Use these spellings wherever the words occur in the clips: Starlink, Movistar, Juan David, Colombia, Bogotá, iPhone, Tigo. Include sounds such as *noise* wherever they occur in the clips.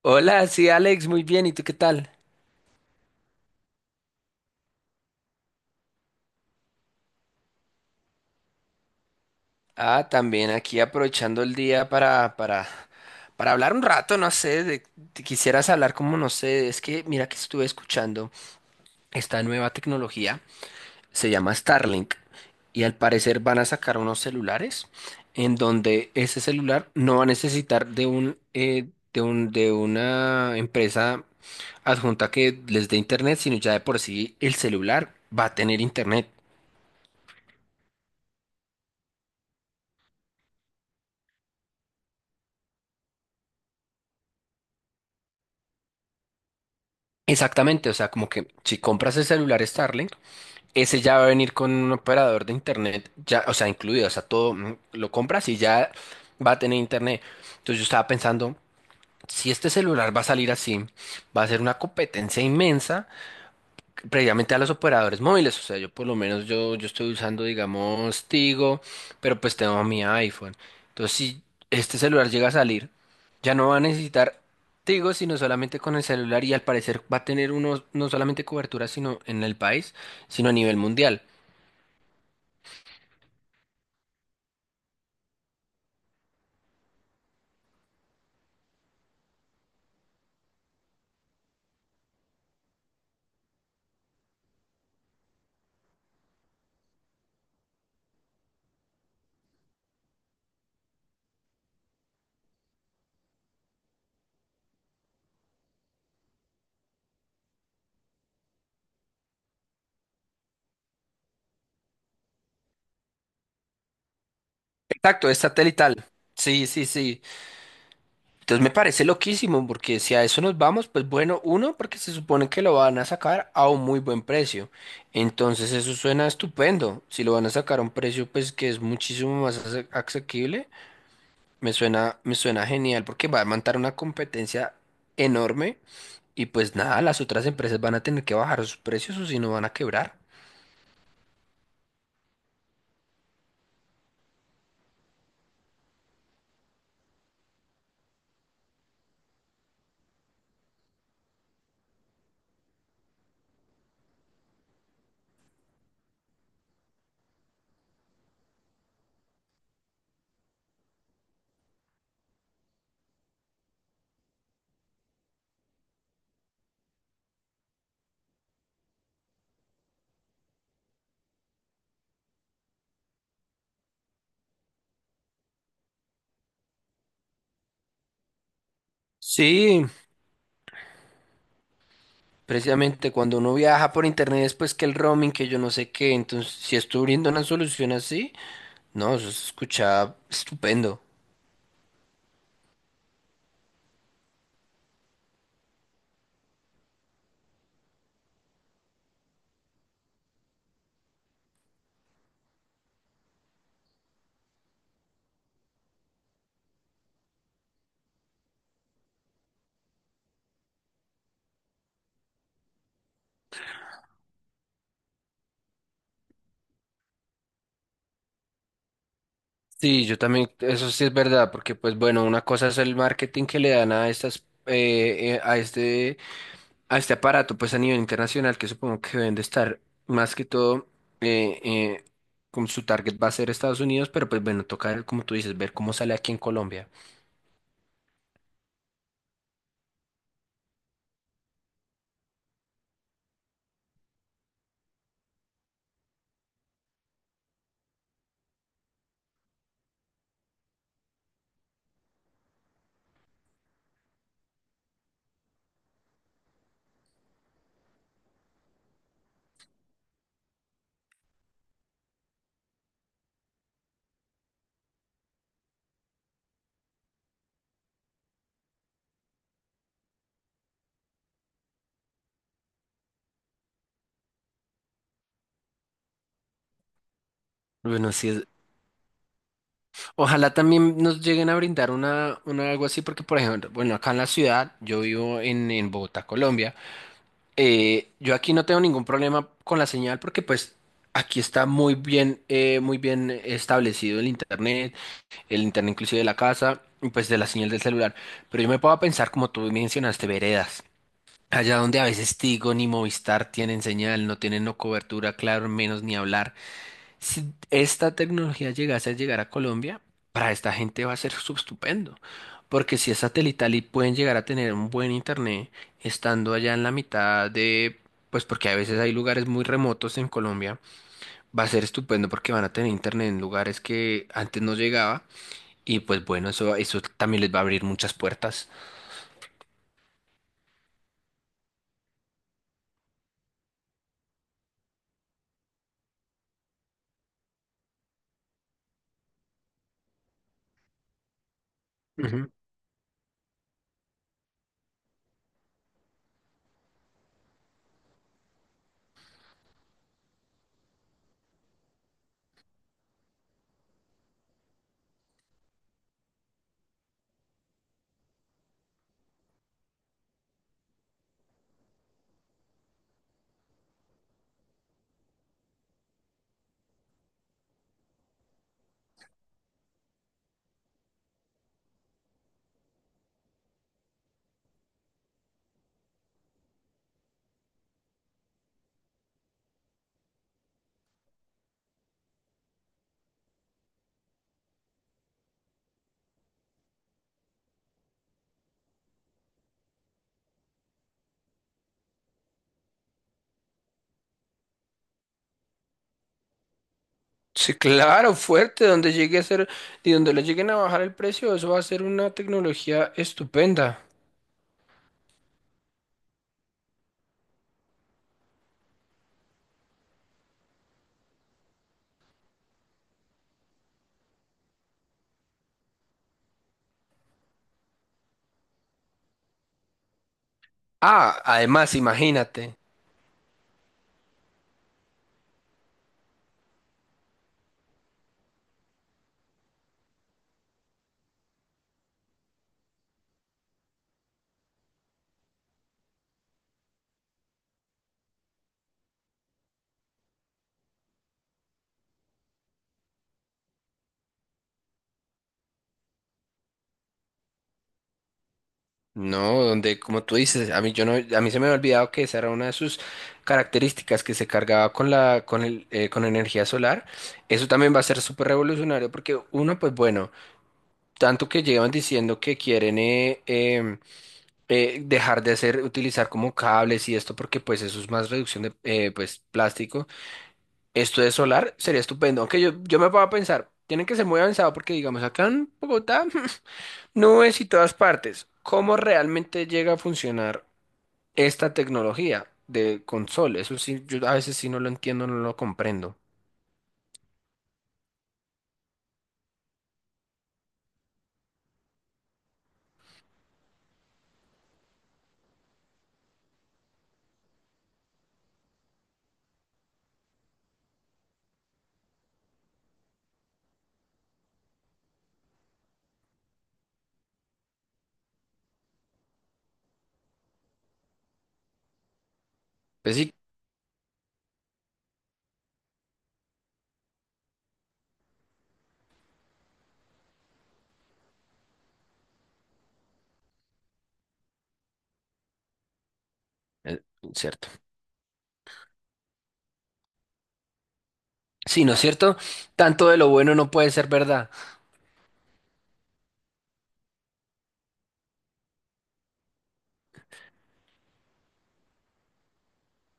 Hola, sí, Alex, muy bien. ¿Y tú qué tal? Ah, también aquí aprovechando el día para hablar un rato, no sé, te quisieras hablar como, no sé, es que mira que estuve escuchando esta nueva tecnología, se llama Starlink, y al parecer van a sacar unos celulares en donde ese celular no va a necesitar de una empresa adjunta que les dé internet, sino ya de por sí el celular va a tener internet. Exactamente, o sea, como que si compras el celular Starlink, ese ya va a venir con un operador de internet, ya, o sea, incluido, o sea, todo lo compras y ya va a tener internet. Entonces yo estaba pensando, si este celular va a salir así, va a ser una competencia inmensa previamente a los operadores móviles, o sea, yo por lo menos yo estoy usando, digamos, Tigo, pero pues tengo mi iPhone. Entonces, si este celular llega a salir, ya no va a necesitar Tigo, sino solamente con el celular y al parecer va a tener unos, no solamente cobertura, sino en el país, sino a nivel mundial. Exacto, es satelital. Sí, sí, sí. Entonces me parece loquísimo, porque si a eso nos vamos, pues bueno, uno, porque se supone que lo van a sacar a un muy buen precio. Entonces eso suena estupendo. Si lo van a sacar a un precio, pues que es muchísimo más asequible, me suena genial, porque va a montar una competencia enorme y pues nada, las otras empresas van a tener que bajar sus precios o si no van a quebrar. Sí, precisamente cuando uno viaja por internet es pues que el roaming, que yo no sé qué, entonces si estoy abriendo una solución así. No, eso se escucha estupendo. Sí, yo también, eso sí es verdad, porque pues bueno, una cosa es el marketing que le dan a eh, eh, a este, a este aparato, pues a nivel internacional, que supongo que deben de estar más que todo, eh, eh, con su target va a ser Estados Unidos, pero pues bueno, toca, como tú dices, ver cómo sale aquí en Colombia. Bueno, sí es, ojalá también nos lleguen a brindar una, algo así, porque por ejemplo, bueno, acá en la ciudad, yo vivo en Bogotá, Colombia. Yo aquí no tengo ningún problema con la señal porque pues aquí está muy bien establecido el internet, inclusive de la casa y pues de la señal del celular. Pero yo me puedo pensar, como tú mencionaste, veredas. Allá donde a veces Tigo ni Movistar tienen señal, no tienen no cobertura, claro, menos ni hablar si esta tecnología llegase a llegar a Colombia, para esta gente va a ser estupendo, porque si es satelital y pueden llegar a tener un buen internet estando allá en la mitad de, pues porque a veces hay lugares muy remotos en Colombia, va a ser estupendo porque van a tener internet en lugares que antes no llegaba y pues bueno, eso también les va a abrir muchas puertas. Ujú. Sí, claro, fuerte, donde llegue a ser y donde le lleguen a bajar el precio, eso va a ser una tecnología estupenda. Ah, además, imagínate, ¿no? Donde, como tú dices, a mí yo no, a mí se me había olvidado que esa era una de sus características que se cargaba con la, con el, con energía solar. Eso también va a ser súper revolucionario porque uno, pues bueno, tanto que llevan diciendo que quieren utilizar como cables y esto porque pues eso es más reducción de plástico. Esto de solar sería estupendo, aunque yo me puedo pensar. Tienen que ser muy avanzado porque, digamos, acá en Bogotá *laughs* Nubes y todas partes. ¿Cómo realmente llega a funcionar esta tecnología de console? Eso sí, yo a veces sí no lo entiendo, no lo comprendo. Pues sí, eh, cierto. Sí, ¿no es cierto? Tanto de lo bueno no puede ser verdad.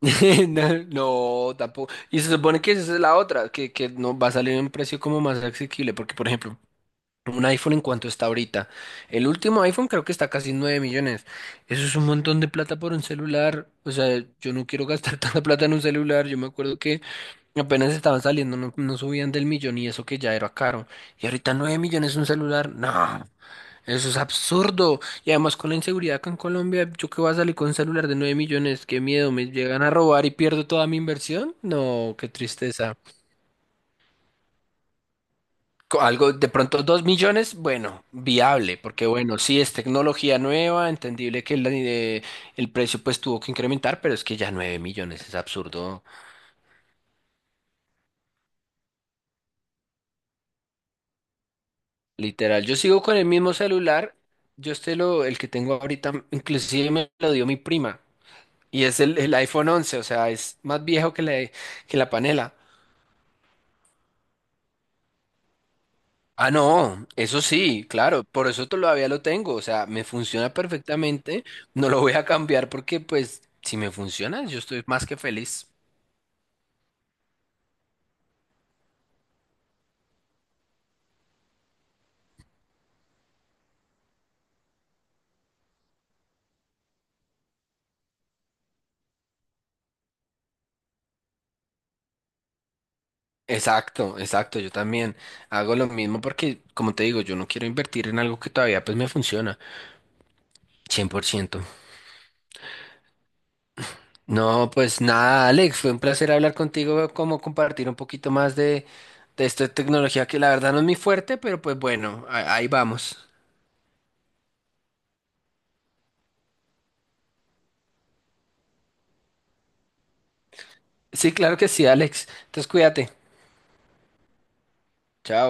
*laughs* No, no, tampoco. Y se supone que esa es la otra, que no va a salir en un precio como más asequible, porque por ejemplo, un iPhone en cuanto está ahorita. El último iPhone creo que está casi 9 millones. Eso es un montón de plata por un celular. O sea, yo no quiero gastar *laughs* tanta plata en un celular. Yo me acuerdo que apenas estaban saliendo, no, no subían del millón y eso que ya era caro. Y ahorita 9 millones un celular. No, eso es absurdo. Y además con la inseguridad acá en Colombia, ¿yo qué voy a salir con un celular de 9 millones? Qué miedo, me llegan a robar y pierdo toda mi inversión. No, qué tristeza. Algo de pronto 2 millones, bueno, viable, porque bueno, sí es tecnología nueva, entendible que el precio pues tuvo que incrementar, pero es que ya 9 millones es absurdo, literal. Yo sigo con el mismo celular, yo este el que tengo ahorita, inclusive me lo dio mi prima, y es el iPhone 11, o sea, es más viejo que que la panela. Ah, no, eso sí, claro, por eso todavía lo tengo, o sea, me funciona perfectamente, no lo voy a cambiar porque pues si me funciona, yo estoy más que feliz. Exacto, exacto, yo también hago lo mismo porque, como te digo, yo no quiero invertir en algo que todavía pues me funciona. 100%. No, pues nada, Alex, fue un placer hablar contigo, como compartir un poquito más de esta tecnología que la verdad no es mi fuerte, pero pues bueno, ahí vamos. Sí, claro que sí, Alex, entonces cuídate, chao.